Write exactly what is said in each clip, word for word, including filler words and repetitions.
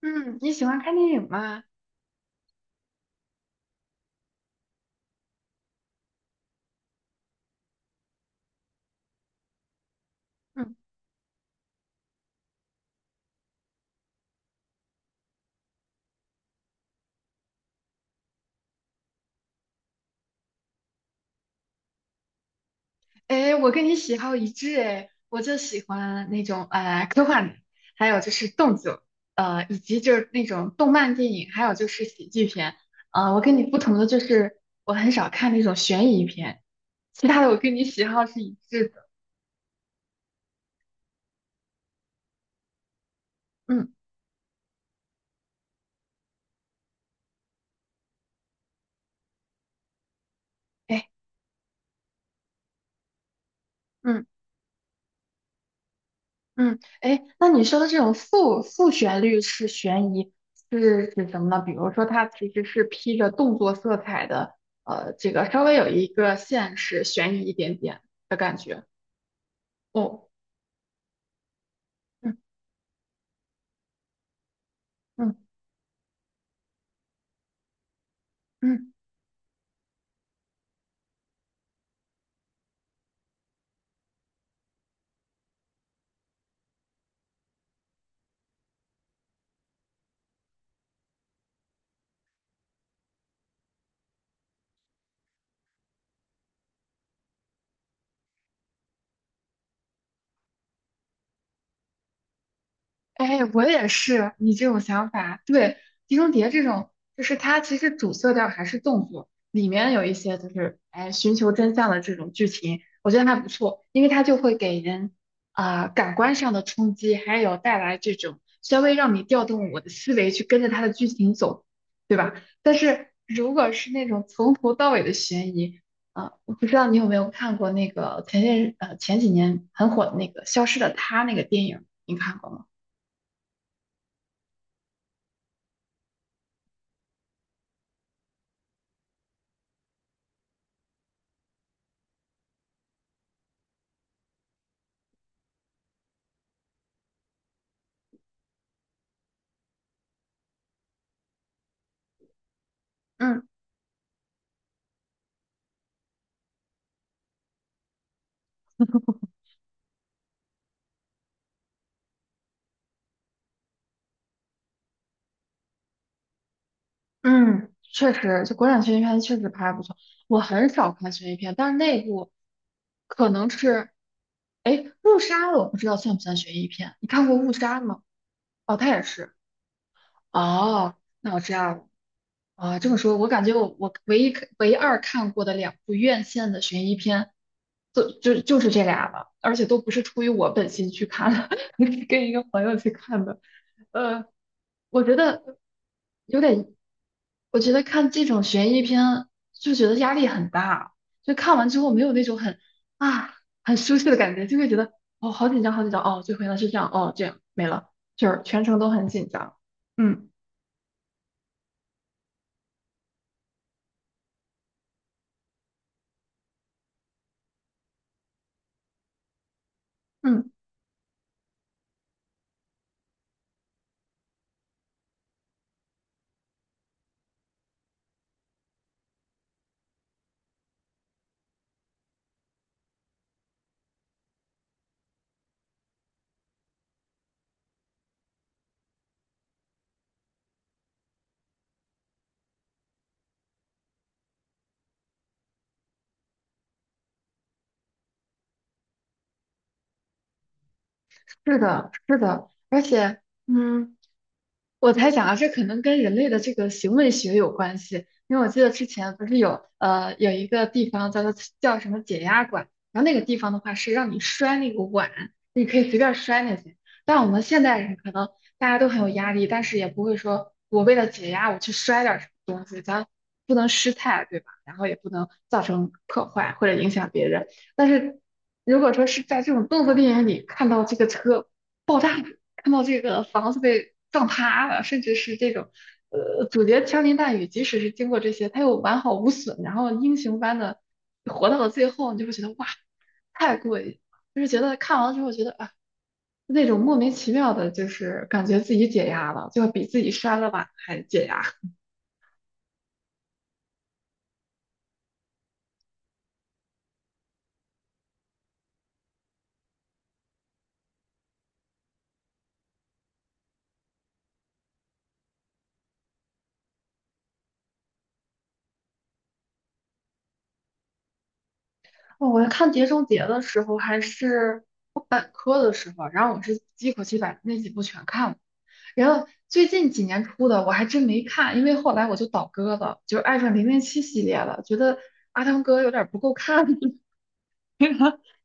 嗯，你喜欢看电影吗？嗯，哎，我跟你喜好一致哎，我就喜欢那种呃科幻的，还有就是动作，呃，以及就是那种动漫电影，还有就是喜剧片。呃，我跟你不同的就是我很少看那种悬疑片，其他的我跟你喜好是一致的。嗯，哎，嗯。嗯，哎，那你说的这种复复旋律式悬疑是指什么呢？比如说，它其实是披着动作色彩的，呃，这个稍微有一个现实悬疑一点点的感觉。哦，嗯嗯嗯。哎，我也是你这种想法。对，《碟中谍》这种，就是它其实主色调还是动作，里面有一些就是哎寻求真相的这种剧情，我觉得还不错，因为它就会给人啊、感官上的冲击，还有带来这种稍微让你调动我的思维去跟着它的剧情走，对吧？但是如果是那种从头到尾的悬疑，啊、我不知道你有没有看过那个前些日呃前几年很火的那个《消失的她》那个电影，你看过吗？嗯。嗯，确实，就国产悬疑片确实拍得不错。我很少看悬疑片，但是那部可能是，哎，《误杀》我不知道算不算悬疑片？你看过《误杀》吗？哦，他也是。哦，那我知道了。啊，这么说，我感觉我我唯一唯二看过的两部院线的悬疑片，就就就是这俩了，而且都不是出于我本心去看的，是跟一个朋友去看的。呃，我觉得有点，我觉得看这种悬疑片就觉得压力很大，就看完之后没有那种很啊很舒适的感觉，就会觉得哦好紧张好紧张哦，最后原来是这样哦这样没了，就是全程都很紧张。嗯嗯，是的，是的，而且嗯。我猜想啊，这可能跟人类的这个行为学有关系，因为我记得之前不是有呃有一个地方叫做叫什么解压馆，然后那个地方的话是让你摔那个碗，你可以随便摔那些。但我们现代人可能大家都很有压力，但是也不会说我为了解压我去摔点儿什么东西，咱不能失态，对吧？然后也不能造成破坏或者影响别人。但是如果说是在这种动作电影里看到这个车爆炸，看到这个房子被撞塌了，甚至是这种，呃，主角枪林弹雨，即使是经过这些，他又完好无损，然后英雄般的活到了最后，你就会觉得哇，太过瘾了，就是觉得看完了之后觉得啊，那种莫名其妙的，就是感觉自己解压了，就比自己摔了碗还解压。哦我看《碟中谍》的时候，还是我本科的时候，然后我是一口气把那几部全看了，然后最近几年出的我还真没看，因为后来我就倒戈了，就爱上零零七系列了，觉得阿汤哥有点不够看。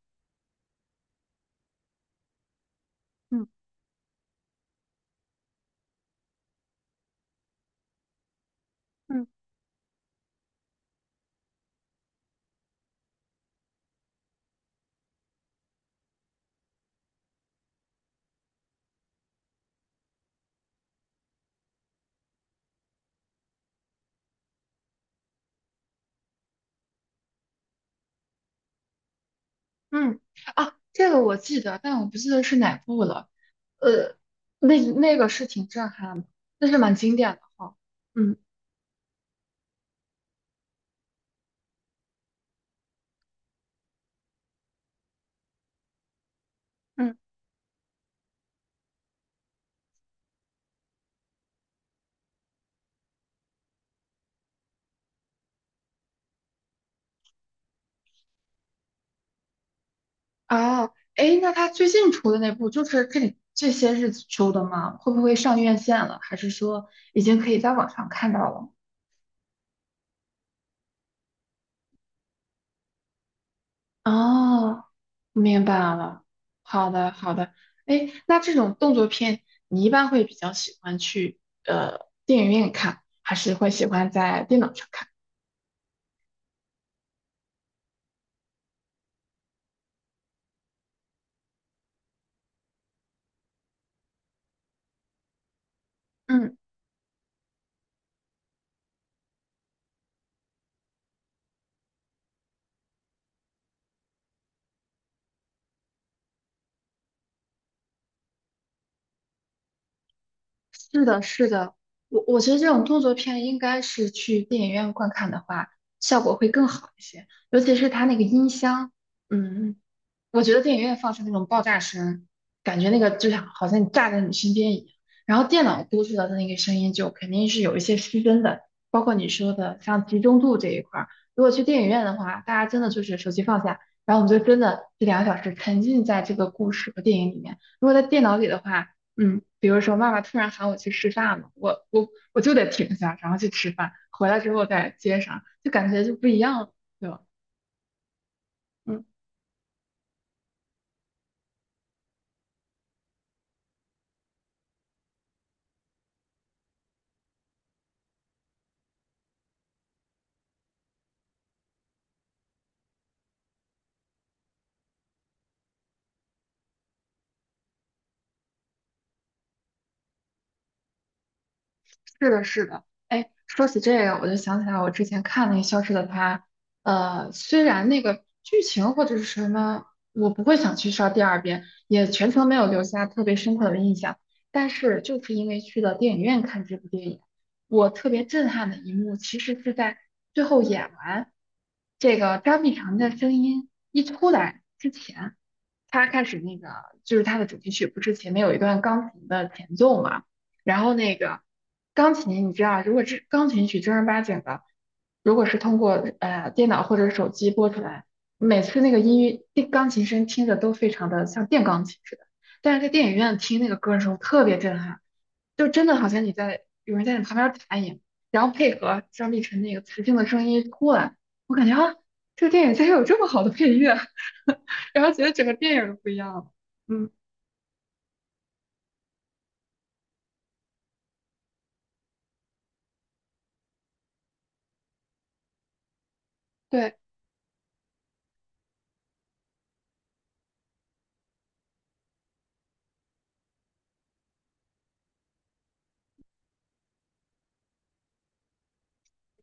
嗯嗯嗯，啊，这个我记得，但我不记得是哪部了。呃，那那个是挺震撼的，那是蛮经典的哈。嗯，嗯，啊，哎，那他最近出的那部就是这这些日子出的吗？会不会上院线了？还是说已经可以在网上看到了？哦，明白了。好的，好的。哎，那这种动作片，你一般会比较喜欢去呃电影院看，还是会喜欢在电脑上看？嗯，是的，是的，我我觉得这种动作片应该是去电影院观看的话，效果会更好一些，尤其是它那个音箱，嗯，我觉得电影院放出那种爆炸声，感觉那个就像好像你炸在你身边一样。然后电脑播出来的那个声音就肯定是有一些失真的，包括你说的像集中度这一块儿。如果去电影院的话，大家真的就是手机放下，然后我们就真的这两个小时沉浸在这个故事和电影里面。如果在电脑里的话，嗯，比如说妈妈突然喊我去吃饭了，我我我就得停下，然后去吃饭，回来之后再接上，就感觉就不一样了，对吧？嗯。是的，是的。哎，说起这个，我就想起来我之前看那个《消失的她》，呃，虽然那个剧情或者是什么，我不会想去刷第二遍，也全程没有留下特别深刻的印象，但是就是因为去了电影院看这部电影，我特别震撼的一幕，其实是在最后演完这个张碧晨的声音一出来之前，他开始那个就是他的主题曲不是前面有一段钢琴的前奏嘛。然后那个钢琴，你知道，如果这钢琴曲正儿八经的，如果是通过呃电脑或者手机播出来，每次那个音乐电钢琴声听着都非常的像电钢琴似的。但是在电影院听那个歌的时候特别震撼，就真的好像你在有人在你旁边弹一样，然后配合张碧晨那个磁性的声音出来，我感觉啊，这个电影竟然有这么好的配乐，然后觉得整个电影都不一样了。嗯，对。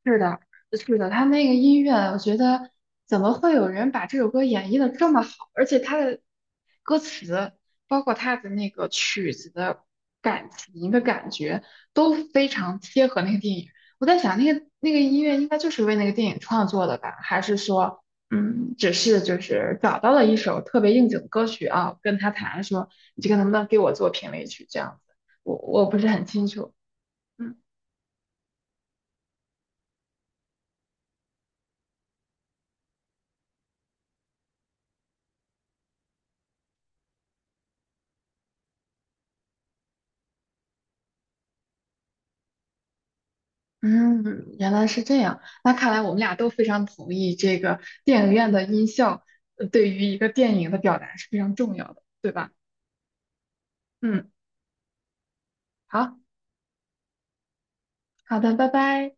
是的，是的，他那个音乐，我觉得怎么会有人把这首歌演绎的这么好？而且他的歌词，包括他的那个曲子的感情的感觉，都非常贴合那个电影。我在想，那个那个音乐应该就是为那个电影创作的吧？还是说，嗯，只是就是找到了一首特别应景的歌曲啊，跟他谈说，你这个能不能给我做评委曲这样子？我我不是很清楚。嗯。嗯，原来是这样。那看来我们俩都非常同意，这个电影院的音效，呃对于一个电影的表达是非常重要的，对吧？嗯，好，好的，拜拜。